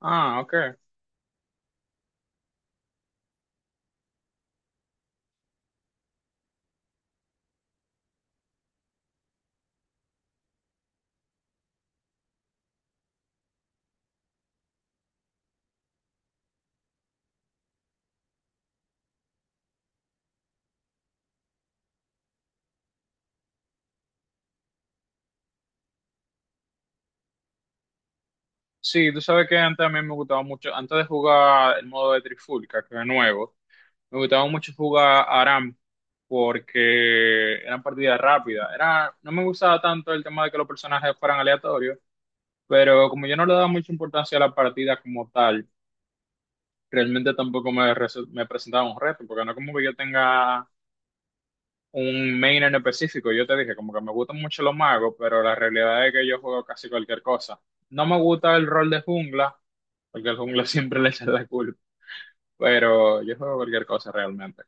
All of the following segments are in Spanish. Ah, ok. Sí, tú sabes que antes a mí me gustaba mucho, antes de jugar el modo de Trifulca, que es nuevo, me gustaba mucho jugar Aram porque eran partidas rápidas. Era, no me gustaba tanto el tema de que los personajes fueran aleatorios, pero como yo no le daba mucha importancia a la partida como tal, realmente tampoco me presentaba un reto, porque no como que yo tenga un main en específico. Yo te dije, como que me gustan mucho los magos, pero la realidad es que yo juego casi cualquier cosa. No me gusta el rol de jungla porque al jungla siempre le echan la culpa, pero yo juego cualquier cosa realmente.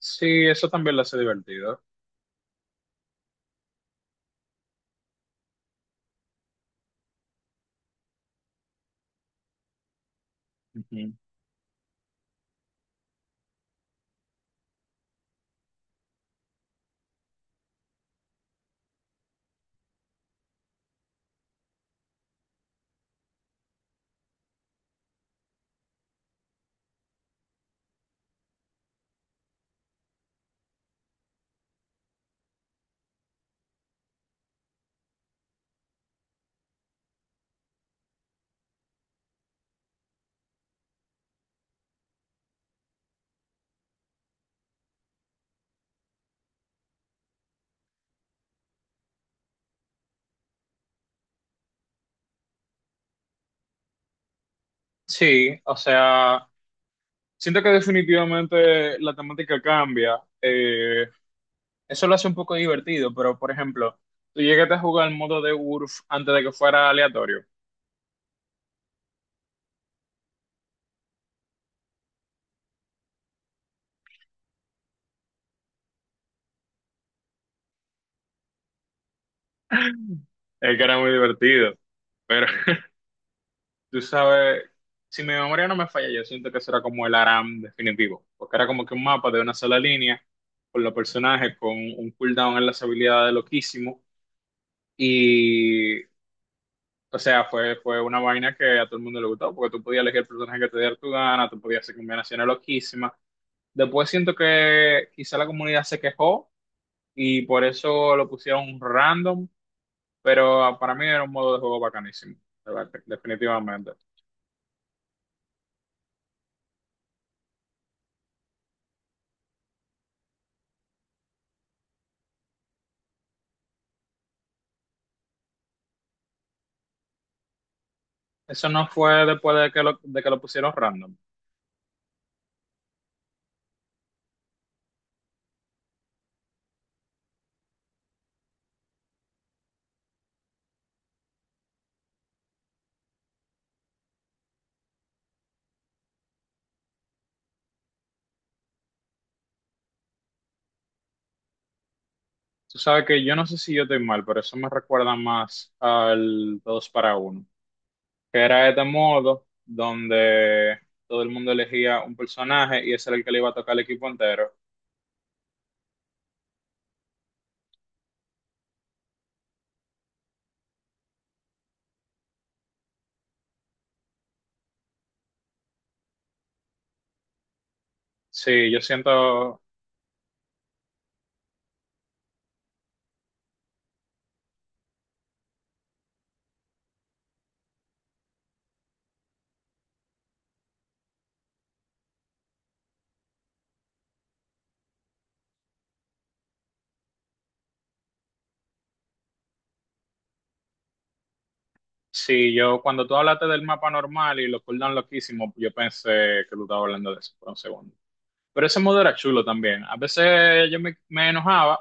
Sí, eso también lo hace divertido. Ujú. Sí, o sea, siento que definitivamente la temática cambia. Eso lo hace un poco divertido, pero por ejemplo, tú llegaste a jugar el modo de Urf antes de que fuera aleatorio, el que era muy divertido, pero tú sabes, si mi memoria no me falla, yo siento que eso era como el ARAM definitivo, porque era como que un mapa de una sola línea, con los personajes, con un cooldown en las habilidades loquísimo, y, o sea, fue una vaina que a todo el mundo le gustó, porque tú podías elegir el personaje que te diera tu gana, tú podías hacer combinaciones loquísimas. Después siento que quizá la comunidad se quejó y por eso lo pusieron random, pero para mí era un modo de juego bacanísimo, de verdad, definitivamente. Eso no fue después de de que lo pusieron random. Tú sabes que yo no sé si yo estoy mal, pero eso me recuerda más al 2 para uno, que era este modo donde todo el mundo elegía un personaje y ese era el que le iba a tocar al equipo entero. Sí, yo siento, sí, yo cuando tú hablaste del mapa normal y lo cooldown loquísimo, yo pensé que tú estabas hablando de eso por un segundo. Pero ese modo era chulo también. A veces me enojaba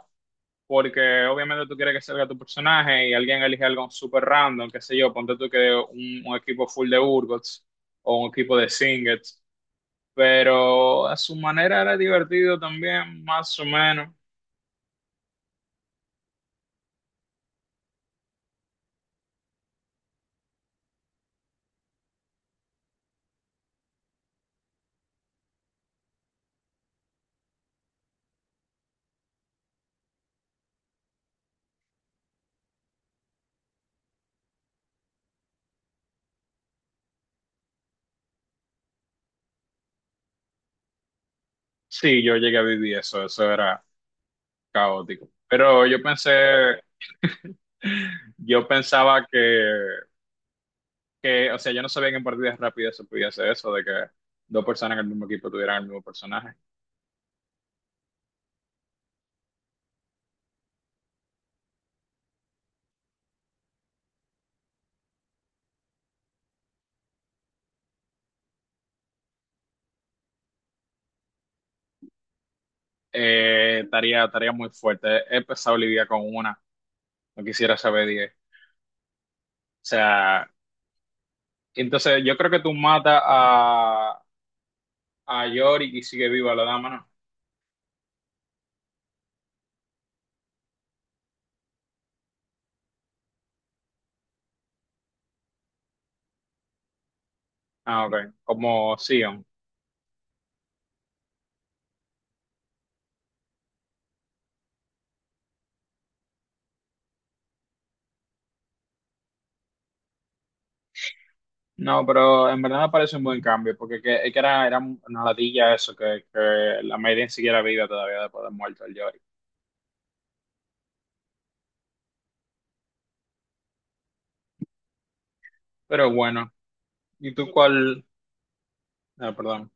porque obviamente tú quieres que salga tu personaje y alguien elige algo súper random, qué sé yo, ponte tú que un equipo full de Urgots o un equipo de Singets, pero a su manera era divertido también, más o menos. Sí, yo llegué a vivir eso, eso era caótico, pero yo pensé, yo pensaba que, o sea, yo no sabía que en partidas rápidas se podía hacer eso, de que dos personas en el mismo equipo tuvieran el mismo personaje. Tarea, tarea muy fuerte. He empezado Olivia con una. No quisiera saber diez. O sea, entonces yo creo que tú matas a Yorick y sigue viva la dama, ¿no? Ah, ok. Como Sion. No, pero en verdad me parece un buen cambio, porque es que era una ladilla eso, que la Maiden siguiera viva todavía después de muerto el Yorick. Pero bueno, ¿y tú cuál? Ah, perdón.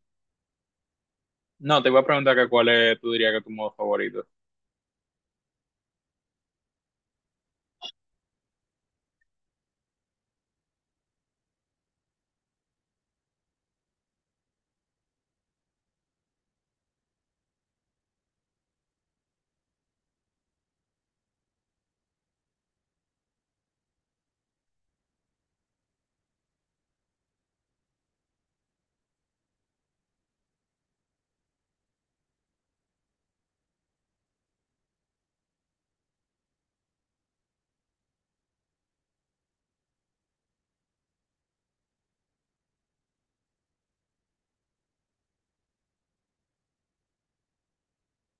No, te voy a preguntar que cuál es, tú dirías que es tu modo favorito.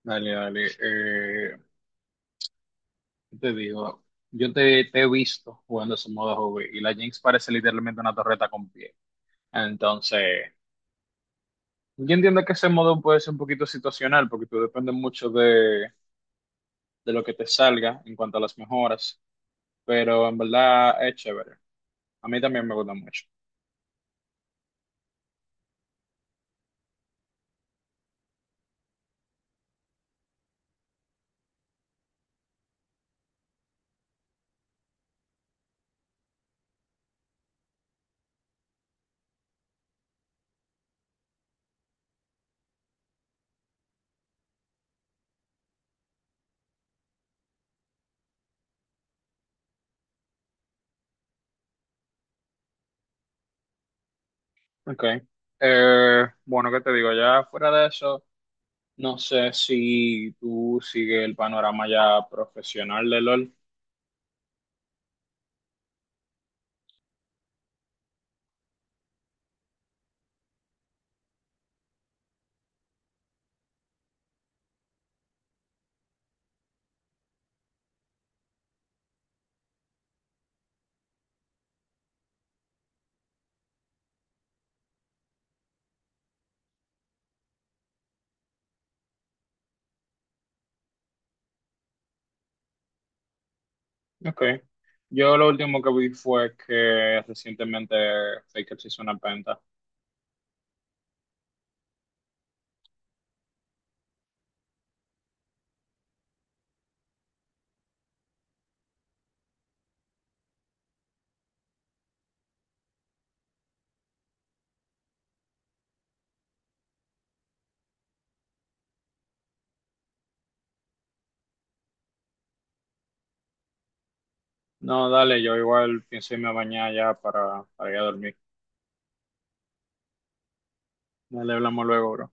Dale, dale. Te digo, te he visto jugando ese modo hobby y la Jinx parece literalmente una torreta con pie. Entonces, yo entiendo que ese modo puede ser un poquito situacional porque tú depende mucho de lo que te salga en cuanto a las mejoras, pero en verdad es chévere. A mí también me gusta mucho. Ok. Bueno, ¿qué te digo? Ya fuera de eso, no sé si tú sigues el panorama ya profesional de LOL. Ok. Yo lo último que vi fue que recientemente Faker se hizo una venta. No, dale, yo igual pienso irme a bañar ya para ir a dormir. Dale, hablamos luego, bro.